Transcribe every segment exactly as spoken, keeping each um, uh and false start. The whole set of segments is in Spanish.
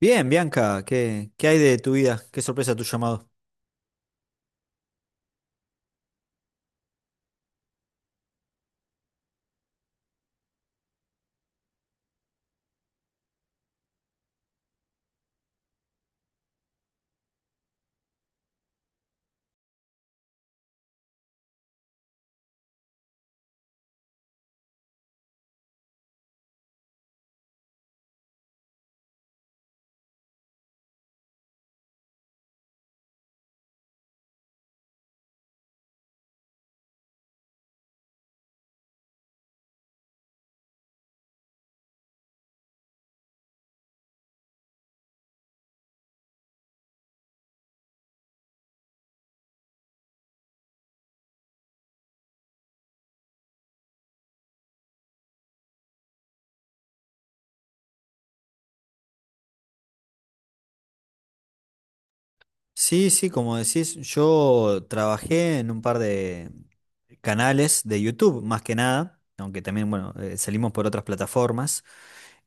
Bien, Bianca, ¿qué, qué hay de tu vida? ¿Qué sorpresa tu llamado? Sí, sí, como decís, yo trabajé en un par de canales de YouTube, más que nada, aunque también, bueno, eh, salimos por otras plataformas.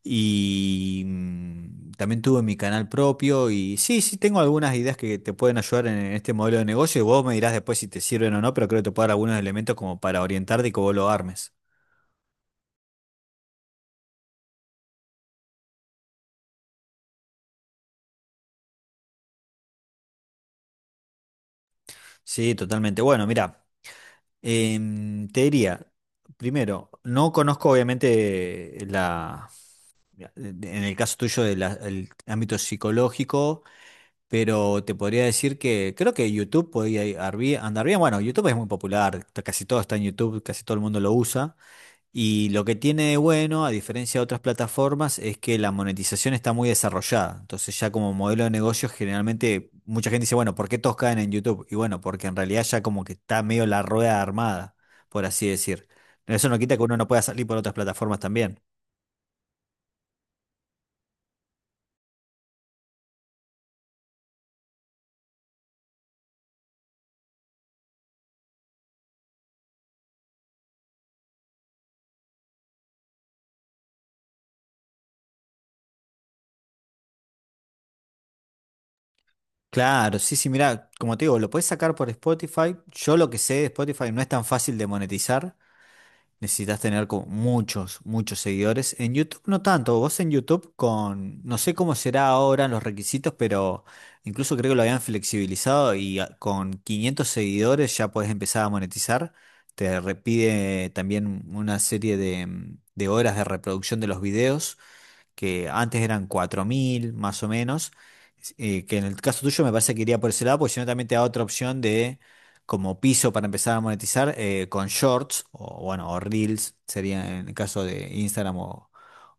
Y mm, también tuve mi canal propio y sí, sí, tengo algunas ideas que te pueden ayudar en, en este modelo de negocio y vos me dirás después si te sirven o no, pero creo que te puedo dar algunos elementos como para orientarte y que vos lo armes. Sí, totalmente. Bueno, mira. Em, te diría, primero, no conozco obviamente la, en el caso tuyo del el ámbito psicológico, pero te podría decir que creo que YouTube podría ir- ar- bien- andar bien. Bueno, YouTube es muy popular, t- casi todo está en YouTube, casi todo el mundo lo usa. Y lo que tiene de bueno, a diferencia de otras plataformas, es que la monetización está muy desarrollada. Entonces ya como modelo de negocios, generalmente mucha gente dice, bueno, ¿por qué todos caen en YouTube? Y bueno, porque en realidad ya como que está medio la rueda armada, por así decir. Eso no quita que uno no pueda salir por otras plataformas también. Claro, sí, sí, mira, como te digo, lo puedes sacar por Spotify. Yo lo que sé de Spotify no es tan fácil de monetizar. Necesitas tener como muchos, muchos seguidores. En YouTube no tanto. Vos en YouTube con, no sé cómo será ahora los requisitos, pero incluso creo que lo habían flexibilizado y a- con quinientos seguidores ya podés empezar a monetizar. Te repide también una serie de, mm, de horas de reproducción de los videos que antes eran cuatro mil más o menos, eh, que en el caso tuyo me parece que iría por ese lado, porque si no también te da otra opción de como piso para empezar a monetizar eh, con shorts o bueno, o reels, sería en el caso de Instagram u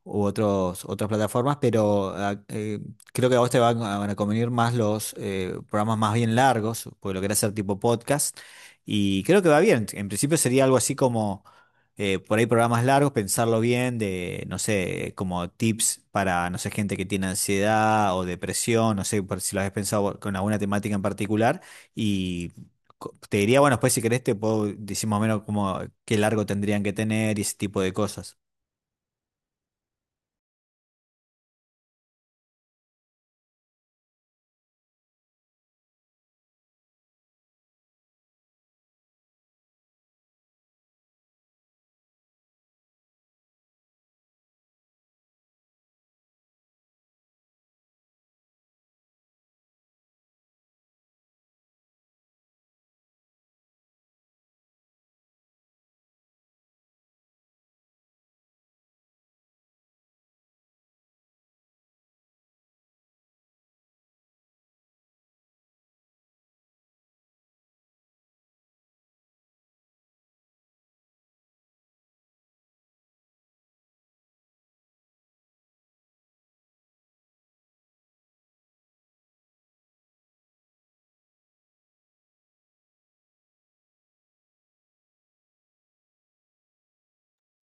otros, otras plataformas, pero ah, eh, creo que a vos te van a, van a convenir más los eh, programas más bien largos, porque lo querés hacer tipo podcast, y creo que va bien. En principio sería algo así como, eh, por ahí programas largos, pensarlo bien, de, no sé, como tips para, no sé, gente que tiene ansiedad o depresión, no sé, por si lo has pensado con alguna temática en particular, y... co- Te diría, bueno, después si querés te puedo decir más o menos como qué largo tendrían que tener y ese tipo de cosas.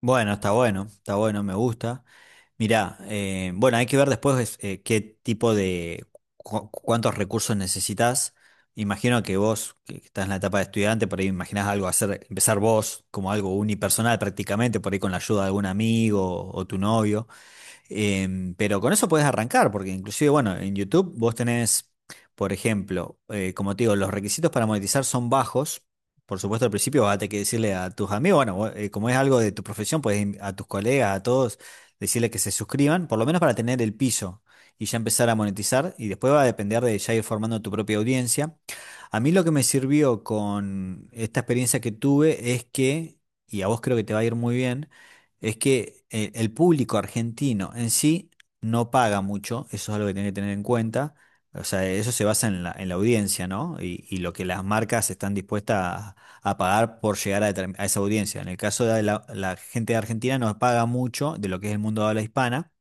Bueno, está bueno, está bueno, me gusta. Mirá, eh, bueno, hay que ver después eh, qué tipo de, cu- cuántos recursos necesitas. Imagino que vos, que estás en la etapa de estudiante, por ahí imaginás algo hacer, empezar vos como algo unipersonal prácticamente, por ahí con la ayuda de algún amigo o tu novio. Em, pero con eso puedes arrancar, porque inclusive, bueno, en YouTube vos tenés, por ejemplo, eh, como te digo, los requisitos para monetizar son bajos. Por supuesto, al principio vas a tener que decirle a tus amigos, bueno, vos, eh, como es algo de tu profesión, puedes in- a tus colegas, a todos, decirle que se suscriban, por lo menos para tener el piso y ya empezar a monetizar. Y después va a depender de ya ir formando tu propia audiencia. A mí lo que me sirvió con esta experiencia que tuve es que, y a vos creo que te va a ir muy bien, es que eh, el público argentino en sí no paga mucho, eso es algo que tiene que tener en cuenta, o sea, eso se basa en la, en la audiencia, ¿no? Y, y lo que las marcas están dispuestas a, a pagar por llegar a, determin- a esa audiencia. En el caso de la, la gente de Argentina no paga mucho de lo que es el mundo de habla hispana.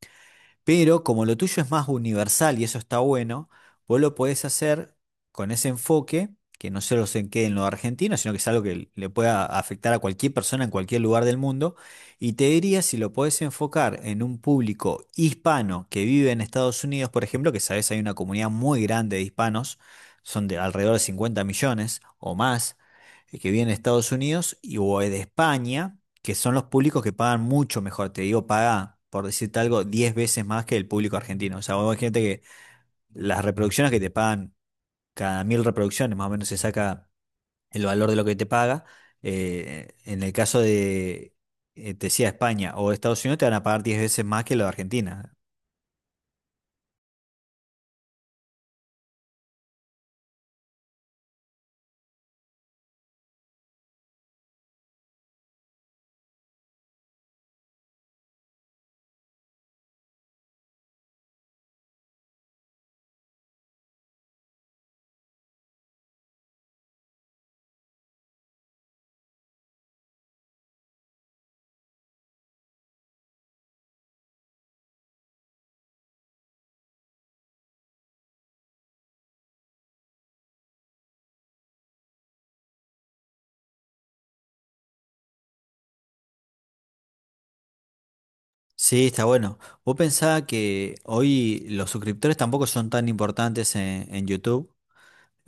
Pero como lo tuyo es más universal y eso está bueno, vos lo podés hacer con ese enfoque, que no solo se quede en lo argentino, sino que es algo que le pueda afectar a cualquier persona en cualquier lugar del mundo. Y te diría si lo podés enfocar en un público hispano que vive en Estados Unidos, por ejemplo, que sabés hay una comunidad muy grande de hispanos, son de alrededor de 50 millones o más, eh, que viven en Estados Unidos y o de España que son los públicos que pagan mucho mejor. Te digo, paga, por decirte algo, diez veces más que el público argentino. O sea, vos gente que las reproducciones que te pagan, cada mil reproducciones más o menos se saca el valor de lo que te paga. Eh, en el caso de, eh, te decía, España o Estados Unidos, te van a pagar diez veces más que lo de Argentina. Sí, está bueno. Vos pensás que hoy los suscriptores tampoco son tan importantes en, en YouTube.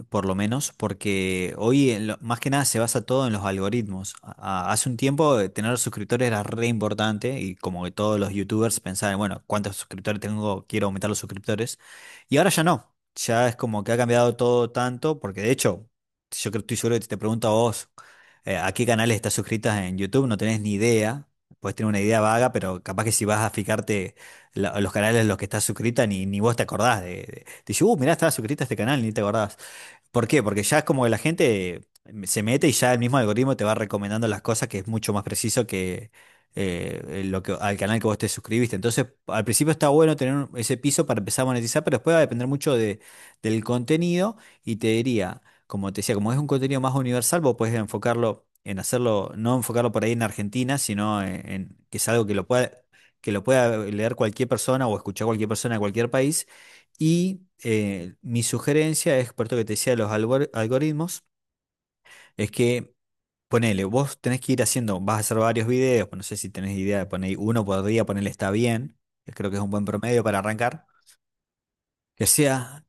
Por lo menos, porque hoy en lo- más que nada se basa todo en los algoritmos. A- a- hace un tiempo eh, tener suscriptores era re importante y como que todos los youtubers pensaban, bueno, ¿cuántos suscriptores tengo? Quiero aumentar los suscriptores. Y ahora ya no. Ya es como que ha cambiado todo tanto, porque de hecho, yo creo, estoy seguro que te pregunto a vos, eh, ¿a qué canales estás suscritas en YouTube? No tenés ni idea. Puedes tener una idea vaga, pero capaz que si vas a fijarte la- los canales en los que estás suscrita, ni, ni vos te acordás de, de- te dice, uh, mirá, estaba suscrita a este canal, ni te acordás. ¿Por qué? Porque ya es como que la gente mm, se mete y ya el mismo algoritmo te va recomendando las cosas que es mucho más preciso que eh, lo que al canal que vos te suscribiste. Entonces, al principio está bueno tener un- ese piso para empezar a monetizar, pero después va a depender mucho de, del contenido y te diría, como te decía, como es un contenido más universal, vos podés enfocarlo en hacerlo, no enfocarlo por ahí en Argentina, sino en, en que es algo que lo pueda que lo pueda leer cualquier persona o escuchar cualquier persona de cualquier país y eh, mi sugerencia es, por esto que te decía, de los algor- algoritmos, es que ponele, vos tenés que ir haciendo, vas a hacer varios videos, pues no sé si tenés idea de poner uno por día, ponerle está bien, que creo que es un buen promedio para arrancar, que sea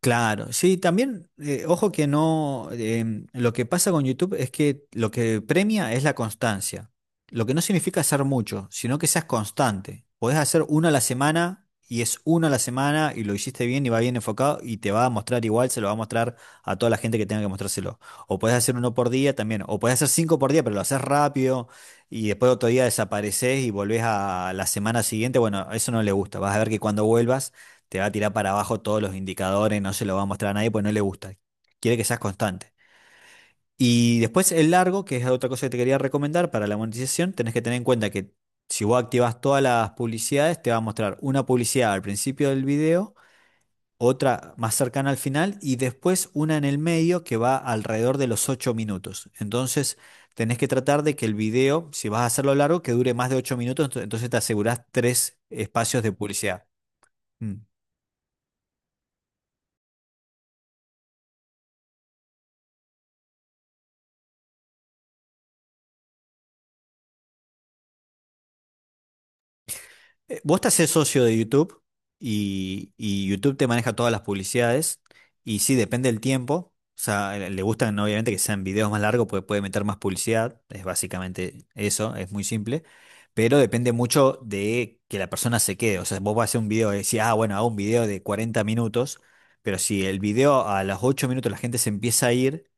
Claro, sí, también, eh, ojo que no, em, lo que pasa con YouTube es que lo que premia es la constancia, lo que no significa hacer mucho, sino que seas constante. Podés hacer uno a la semana y es uno a la semana y lo hiciste bien y va bien enfocado y te va a mostrar igual, se lo va a mostrar a toda la gente que tenga que mostrárselo. O podés hacer uno por día también, o podés hacer cinco por día, pero lo haces rápido y después otro día desapareces y volvés a la semana siguiente. Bueno, eso no le gusta, vas a ver que cuando vuelvas te va a tirar para abajo todos los indicadores, no se lo va a mostrar a nadie, pues no le gusta. Quiere que seas constante. Y después el largo, que es otra cosa que te quería recomendar para la monetización, tenés que tener en cuenta que si vos activas todas las publicidades, te va a mostrar una publicidad al principio del video, otra más cercana al final y después una en el medio que va alrededor de los ocho minutos. Entonces tenés que tratar de que el video, si vas a hacerlo largo, que dure más de ocho minutos, ento- entonces te asegurás tres espacios de publicidad. Mm. Eh, Vos te haces socio de YouTube y, y YouTube te maneja todas las publicidades y sí, depende del tiempo. O sea, le le gustan, ¿no? Obviamente que sean videos más largos porque puede meter más publicidad. Es básicamente eso, es muy simple. Pero depende mucho de que la persona se quede. O sea, vos vas a hacer un video y decís, ah, bueno, hago un video de cuarenta minutos. Pero si el video a los ocho minutos la gente se empieza a ir,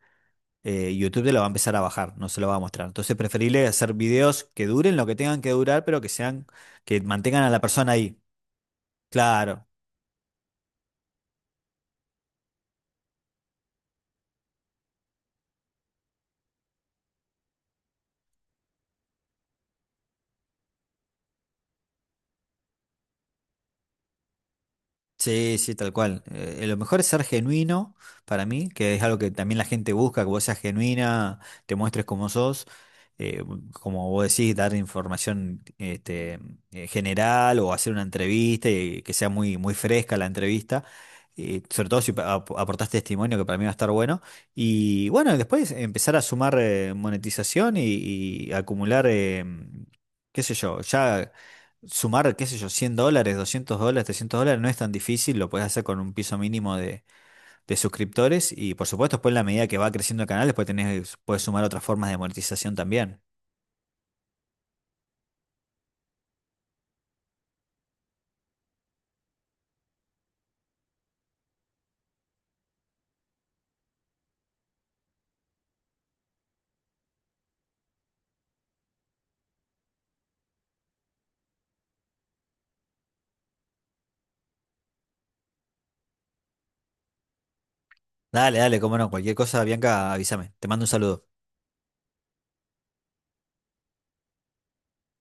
eh, YouTube te lo va a empezar a bajar, no se lo va a mostrar. Entonces, preferible hacer videos que duren lo que tengan que durar, pero que sean, que mantengan a la persona ahí. Claro, sí, sí, tal cual. Eh, lo mejor es ser genuino para mí, que es algo que también la gente busca, que vos seas genuina, te muestres como sos, eh, como vos decís, dar información este, eh, general o hacer una entrevista y que sea muy, muy fresca la entrevista, eh, sobre todo si pa- ap- aportás testimonio, que para mí va a estar bueno. Y bueno, después empezar a sumar eh, monetización y, y acumular, eh, qué sé yo, ya... Sumar, qué sé yo, cien dólares, doscientos dólares, trescientos dólares no es tan difícil, lo puedes hacer con un piso mínimo de, de suscriptores y por supuesto después en la medida que va creciendo el canal, después tenés, puedes sumar otras formas de monetización también. Dale, dale, cómo no, cualquier cosa, Bianca, avísame. Te mando un saludo.